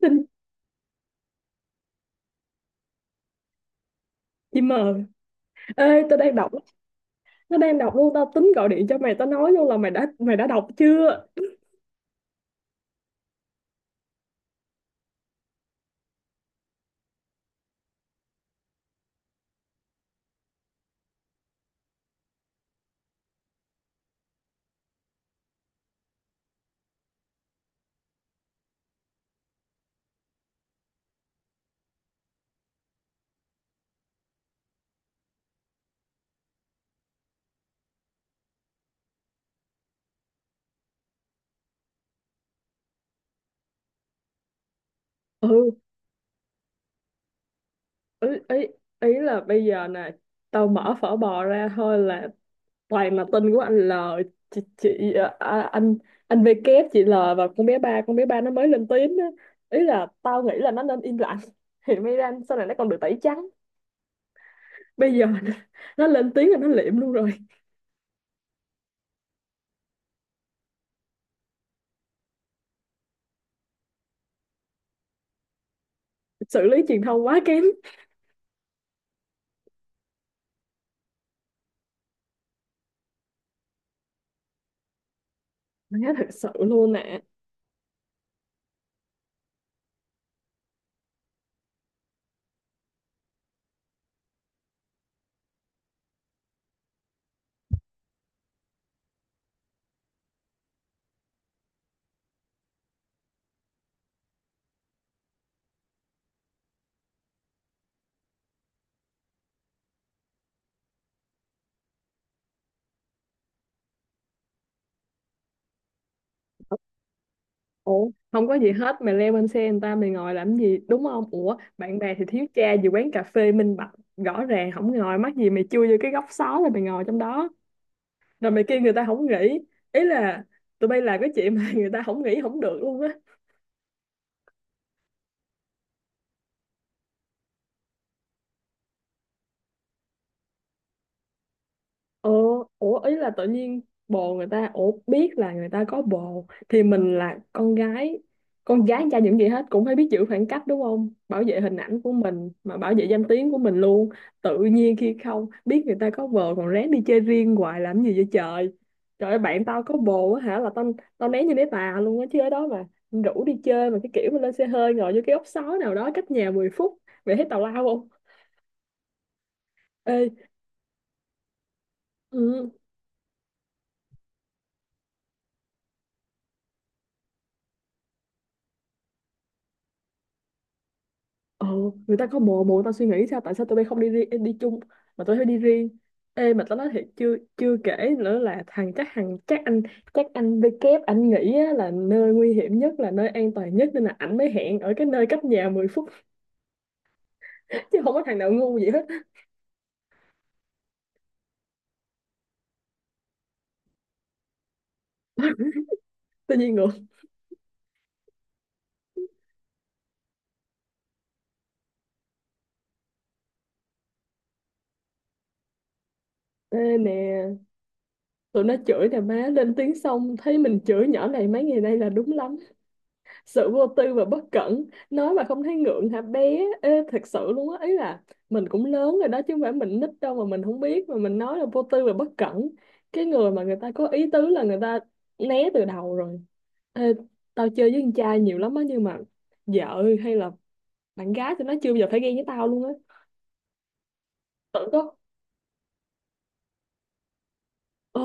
Tin chị mờ. Ê, tao đang đọc, nó đang đọc luôn. Tao tính gọi điện cho mày, tao nói luôn là mày đã đọc chưa. Ừ. ý ý, Ý là bây giờ nè, tao mở phở bò ra thôi là toàn là tin của anh L, chị à, à, anh V kép, chị L và con bé ba nó mới lên tiếng á. Ý là tao nghĩ là nó nên im lặng thì mới ra sau này nó còn được tẩy trắng. Bây giờ nè, nó lên tiếng là nó liệm luôn rồi. Xử lý truyền thông quá kém. Má, thật sự luôn nè. Ủa, không có gì hết mày leo lên xe người ta mày ngồi làm gì, đúng không? Ủa, bạn bè thì thiếu cha gì quán cà phê minh bạch, rõ ràng không ngồi, mắc gì mày chui vô cái góc xó rồi mày ngồi trong đó, rồi mày kêu người ta không nghỉ? Ý là tụi bay làm cái chuyện mà người ta không nghỉ không được luôn á. Ờ, ủa ý là tự nhiên bồ người ta, ủa biết là người ta có bồ thì mình là con gái, con gái cha những gì hết cũng phải biết giữ khoảng cách đúng không, bảo vệ hình ảnh của mình mà bảo vệ danh tiếng của mình luôn. Tự nhiên khi không biết người ta có bồ còn rén đi chơi riêng hoài làm gì vậy trời. Trời ơi, bạn tao có bồ á hả là tao, tao né như né tà luôn á chứ ở đó mà rủ đi chơi, mà cái kiểu mà lên xe hơi ngồi vô cái ốc sói nào đó cách nhà 10 phút, vậy thấy tào lao không? Ê, ừ, ờ, người ta có bồ, bồ người ta suy nghĩ sao, tại sao tụi bay không đi riêng đi chung mà tụi bay phải đi riêng? Ê, mà tao nói thiệt, chưa chưa kể nữa là thằng chắc anh với kép anh nghĩ á, là nơi nguy hiểm nhất là nơi an toàn nhất, nên là ảnh mới hẹn ở cái nơi cách nhà 10 phút chứ không có thằng nào ngu gì hết. Tự nhiên ngược. Ê nè, tụi nó chửi nè má, lên tiếng xong thấy mình chửi nhỏ này mấy ngày nay là đúng lắm. Sự vô tư và bất cẩn, nói mà không thấy ngượng hả bé? Ê, thật sự luôn á, ý là mình cũng lớn rồi đó chứ không phải mình nít đâu mà mình không biết, mà mình nói là vô tư và bất cẩn. Cái người mà người ta có ý tứ là người ta né từ đầu rồi. Ê, tao chơi với con trai nhiều lắm á, nhưng mà vợ hay là bạn gái thì nó chưa bao giờ phải ghen với tao luôn á. Tự có. Ờ,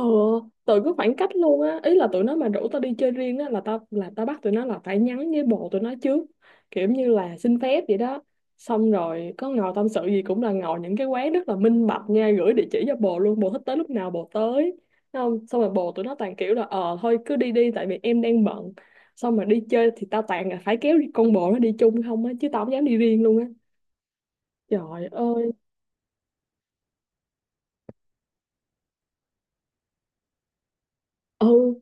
tụi cứ khoảng cách luôn á, ý là tụi nó mà rủ tao đi chơi riêng á là tao, là tao bắt tụi nó là phải nhắn với bồ tụi nó trước, kiểu như là xin phép vậy đó. Xong rồi có ngồi tâm sự gì cũng là ngồi những cái quán rất là minh bạch nha, gửi địa chỉ cho bồ luôn, bồ thích tới lúc nào bồ tới. Thấy không, xong rồi bồ tụi nó toàn kiểu là ờ thôi cứ đi đi tại vì em đang bận. Xong mà đi chơi thì tao toàn là phải kéo con bồ nó đi chung không á, chứ tao không dám đi riêng luôn á. Trời ơi. Ừ.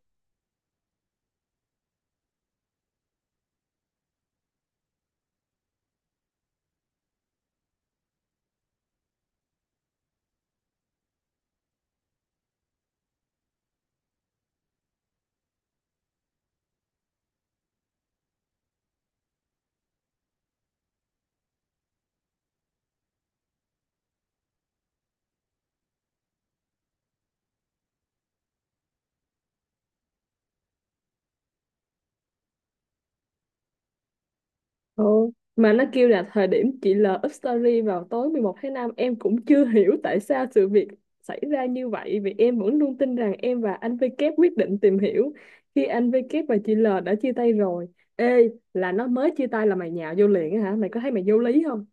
Ồ, mà nó kêu là thời điểm chị L up story vào tối 11 tháng 5, em cũng chưa hiểu tại sao sự việc xảy ra như vậy, vì em vẫn luôn tin rằng em và anh VK quyết định tìm hiểu khi anh VK và chị L đã chia tay rồi. Ê, là nó mới chia tay là mày nhào vô liền á hả? Mày có thấy mày vô lý không?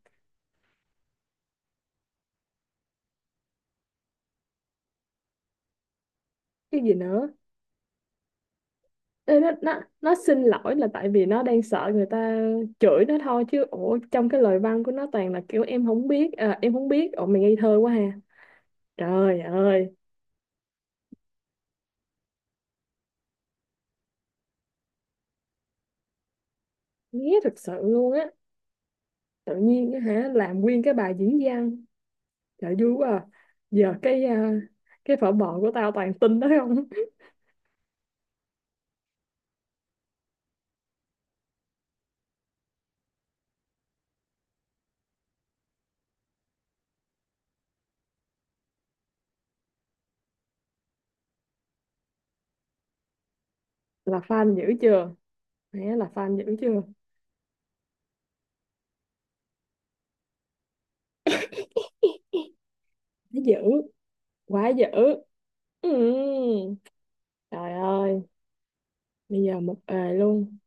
Cái gì nữa? Ê, nó xin lỗi là tại vì nó đang sợ người ta chửi nó thôi, chứ ủa trong cái lời văn của nó toàn là kiểu em không biết, à, em không biết. Ủa, mày ngây thơ quá ha? Trời ơi, nghe thật sự luôn á, tự nhiên á hả làm nguyên cái bài diễn văn. Trời vui quá à. Giờ cái à, cái phở bò của tao toàn tin đó không. Là fan dữ chưa, hả, là fan dữ chưa? Nó dữ, quá dữ. Ừ. Trời ơi, bây giờ một ề luôn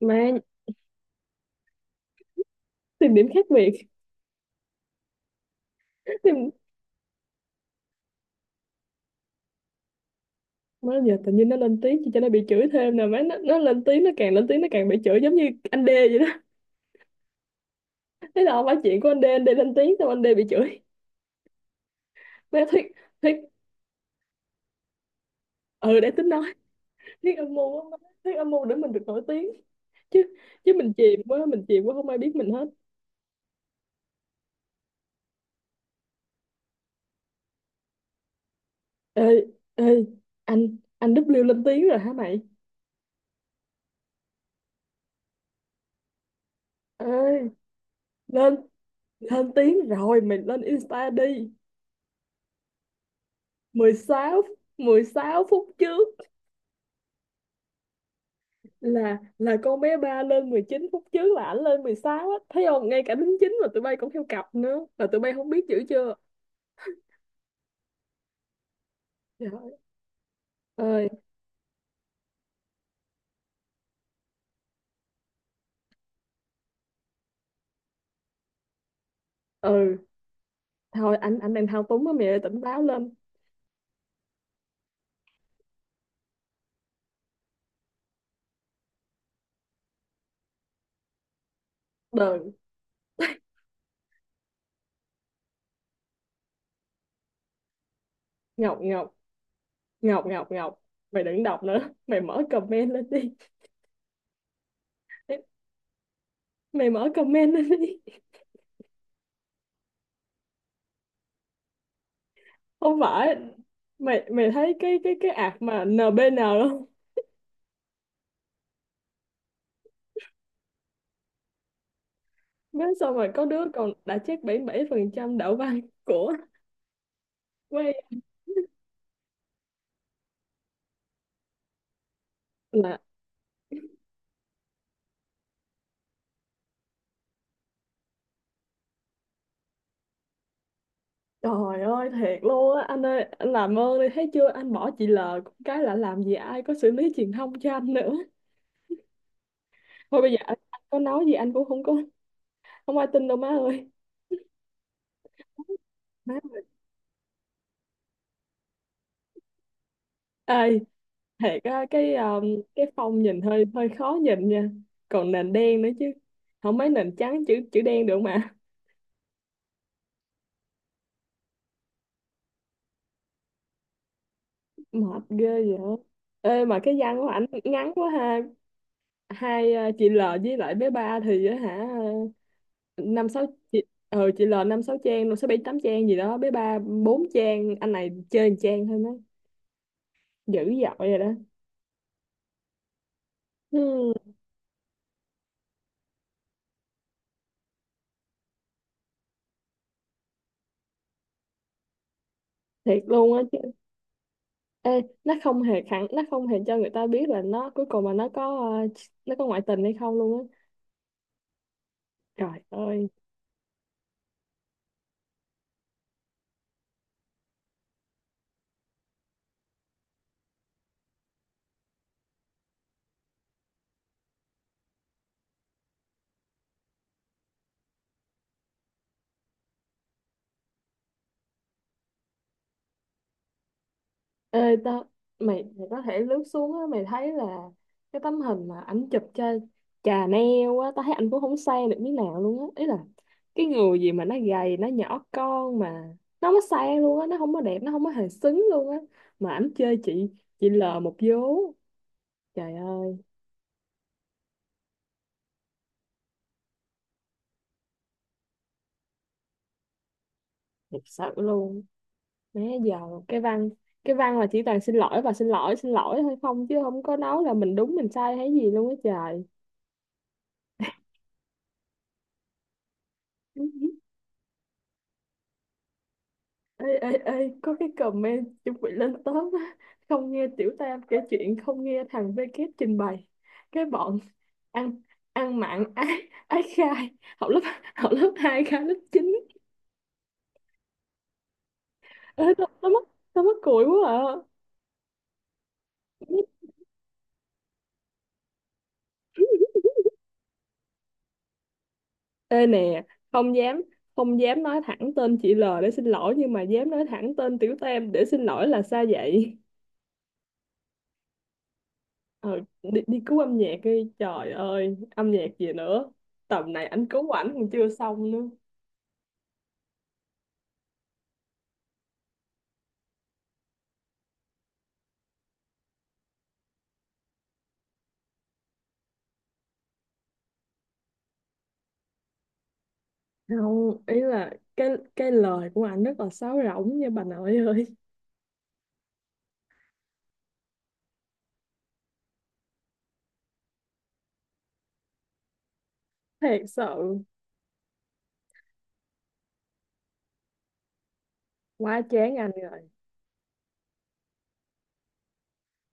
mà tìm điểm khác biệt. Tìm. Má giờ tự nhiên nó lên tiếng chị cho nó bị chửi thêm nè má, nó lên tiếng, nó càng lên tiếng nó càng bị chửi giống như anh D vậy đó. Thế là không phải chuyện của anh D, anh D lên tiếng xong anh D bị chửi. Má thuyết, thuyết ừ để tính. Thiết âm mưu á má. Thiết âm mưu để mình được nổi tiếng chứ, chứ mình chìm quá, mình chìm quá không ai biết mình hết. Ê ê anh anh W lên tiếng rồi hả mày? Ê, lên lên tiếng rồi, mày lên Insta đi. mười sáu 16 phút trước, là con bé ba lên 19 phút trước, là ảnh lên 16 á. Thấy không, ngay cả đính chính mà tụi bay cũng theo cặp nữa mà tụi bay không biết chữ chưa? Trời ơi. Ừ, thôi anh đang thao túng á mày ơi, tỉnh táo lên. Đờn. Ngọc, ngọc, Ngọc Ngọc Ngọc, mày đừng đọc nữa. Mày mở comment lên đi. Mày mở comment lên đi. Không phải, mày mày thấy cái cái ạc mà NBN không? Biết sao mà có đứa còn đã chết bảy 7% đạo văn của quay là. Trời ơi, thiệt luôn á anh ơi, anh làm ơn đi, thấy chưa anh bỏ chị L cũng cái là làm gì, ai có xử lý truyền thông cho anh nữa. Thôi bây giờ anh có nói gì anh cũng không có, không ai tin đâu má ơi. Má ơi. Ê, thiệt á cái phông nhìn hơi hơi khó nhìn nha. Còn nền đen nữa chứ, không mấy nền trắng chữ, chữ đen được mà. Mệt ghê vậy. Ê, mà cái văn của ảnh ngắn quá ha. Hai chị L với lại bé ba thì á hả, ờ, năm sáu, chị chị L năm sáu, trang năm sáu bảy tám trang gì đó, bé ba bốn trang, anh này chơi một trang thôi má. Dữ dội rồi đó. Hmm, thiệt luôn á chứ. Ê, nó không hề khẳng, nó không hề cho người ta biết là nó cuối cùng mà nó có ờ, nó có ngoại tình hay không luôn á. Trời ơi. Ê tao, mày mày có thể lướt xuống á, mày thấy là cái tấm hình mà ảnh chụp cho Chà neo á, tao thấy ảnh cũng không sang được miếng nào luôn á. Ý là cái người gì mà nó gầy, nó nhỏ con mà nó không có sang luôn á, nó không có đẹp, nó không có hề xứng luôn á. Mà ảnh chơi chị L một vố. Trời ơi, thiệt sự luôn. Má giờ cái văn cái văn là chỉ toàn xin lỗi và xin lỗi, xin lỗi thôi không, chứ không có nói là mình đúng mình sai hay gì luôn á trời. Ê ê Ê, có cái comment chuẩn bị lên top á, không nghe tiểu tam kể chuyện, không nghe thằng VK trình bày. Cái bọn ăn ăn mặn ái ái khai, học lớp học lớp 2 khai lớp 9. Ê tao tao mất, tao mất cười quá à. Ê nè, không dám không dám nói thẳng tên chị L để xin lỗi, nhưng mà dám nói thẳng tên tiểu tam để xin lỗi là sao vậy? Ờ, đi, đi cứu âm nhạc đi, trời ơi âm nhạc gì nữa, tầm này anh cứu ảnh còn chưa xong nữa. Không, ý là cái cái lời của anh rất là sáo rỗng nha bà nội ơi. Thiệt sự, quá chán anh rồi.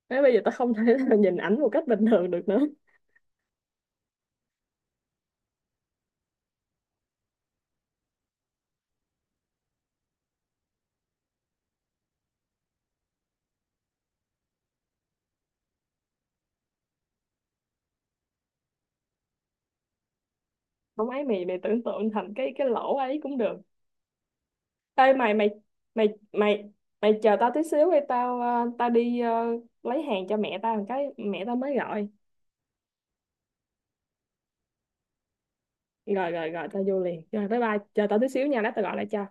Thế bây giờ tao không thể nào nhìn ảnh một cách bình thường được nữa. Không ấy mày, tưởng tượng thành cái lỗ ấy cũng được. Ê mày, mày mày mày mày chờ tao tí xíu đi, tao ờ, tao đi lấy hàng cho mẹ tao một cái, mẹ tao mới gọi. Rồi rồi rồi, tao vô liền rồi, bye bye, chờ tao tí xíu nha, lát tao gọi lại cho.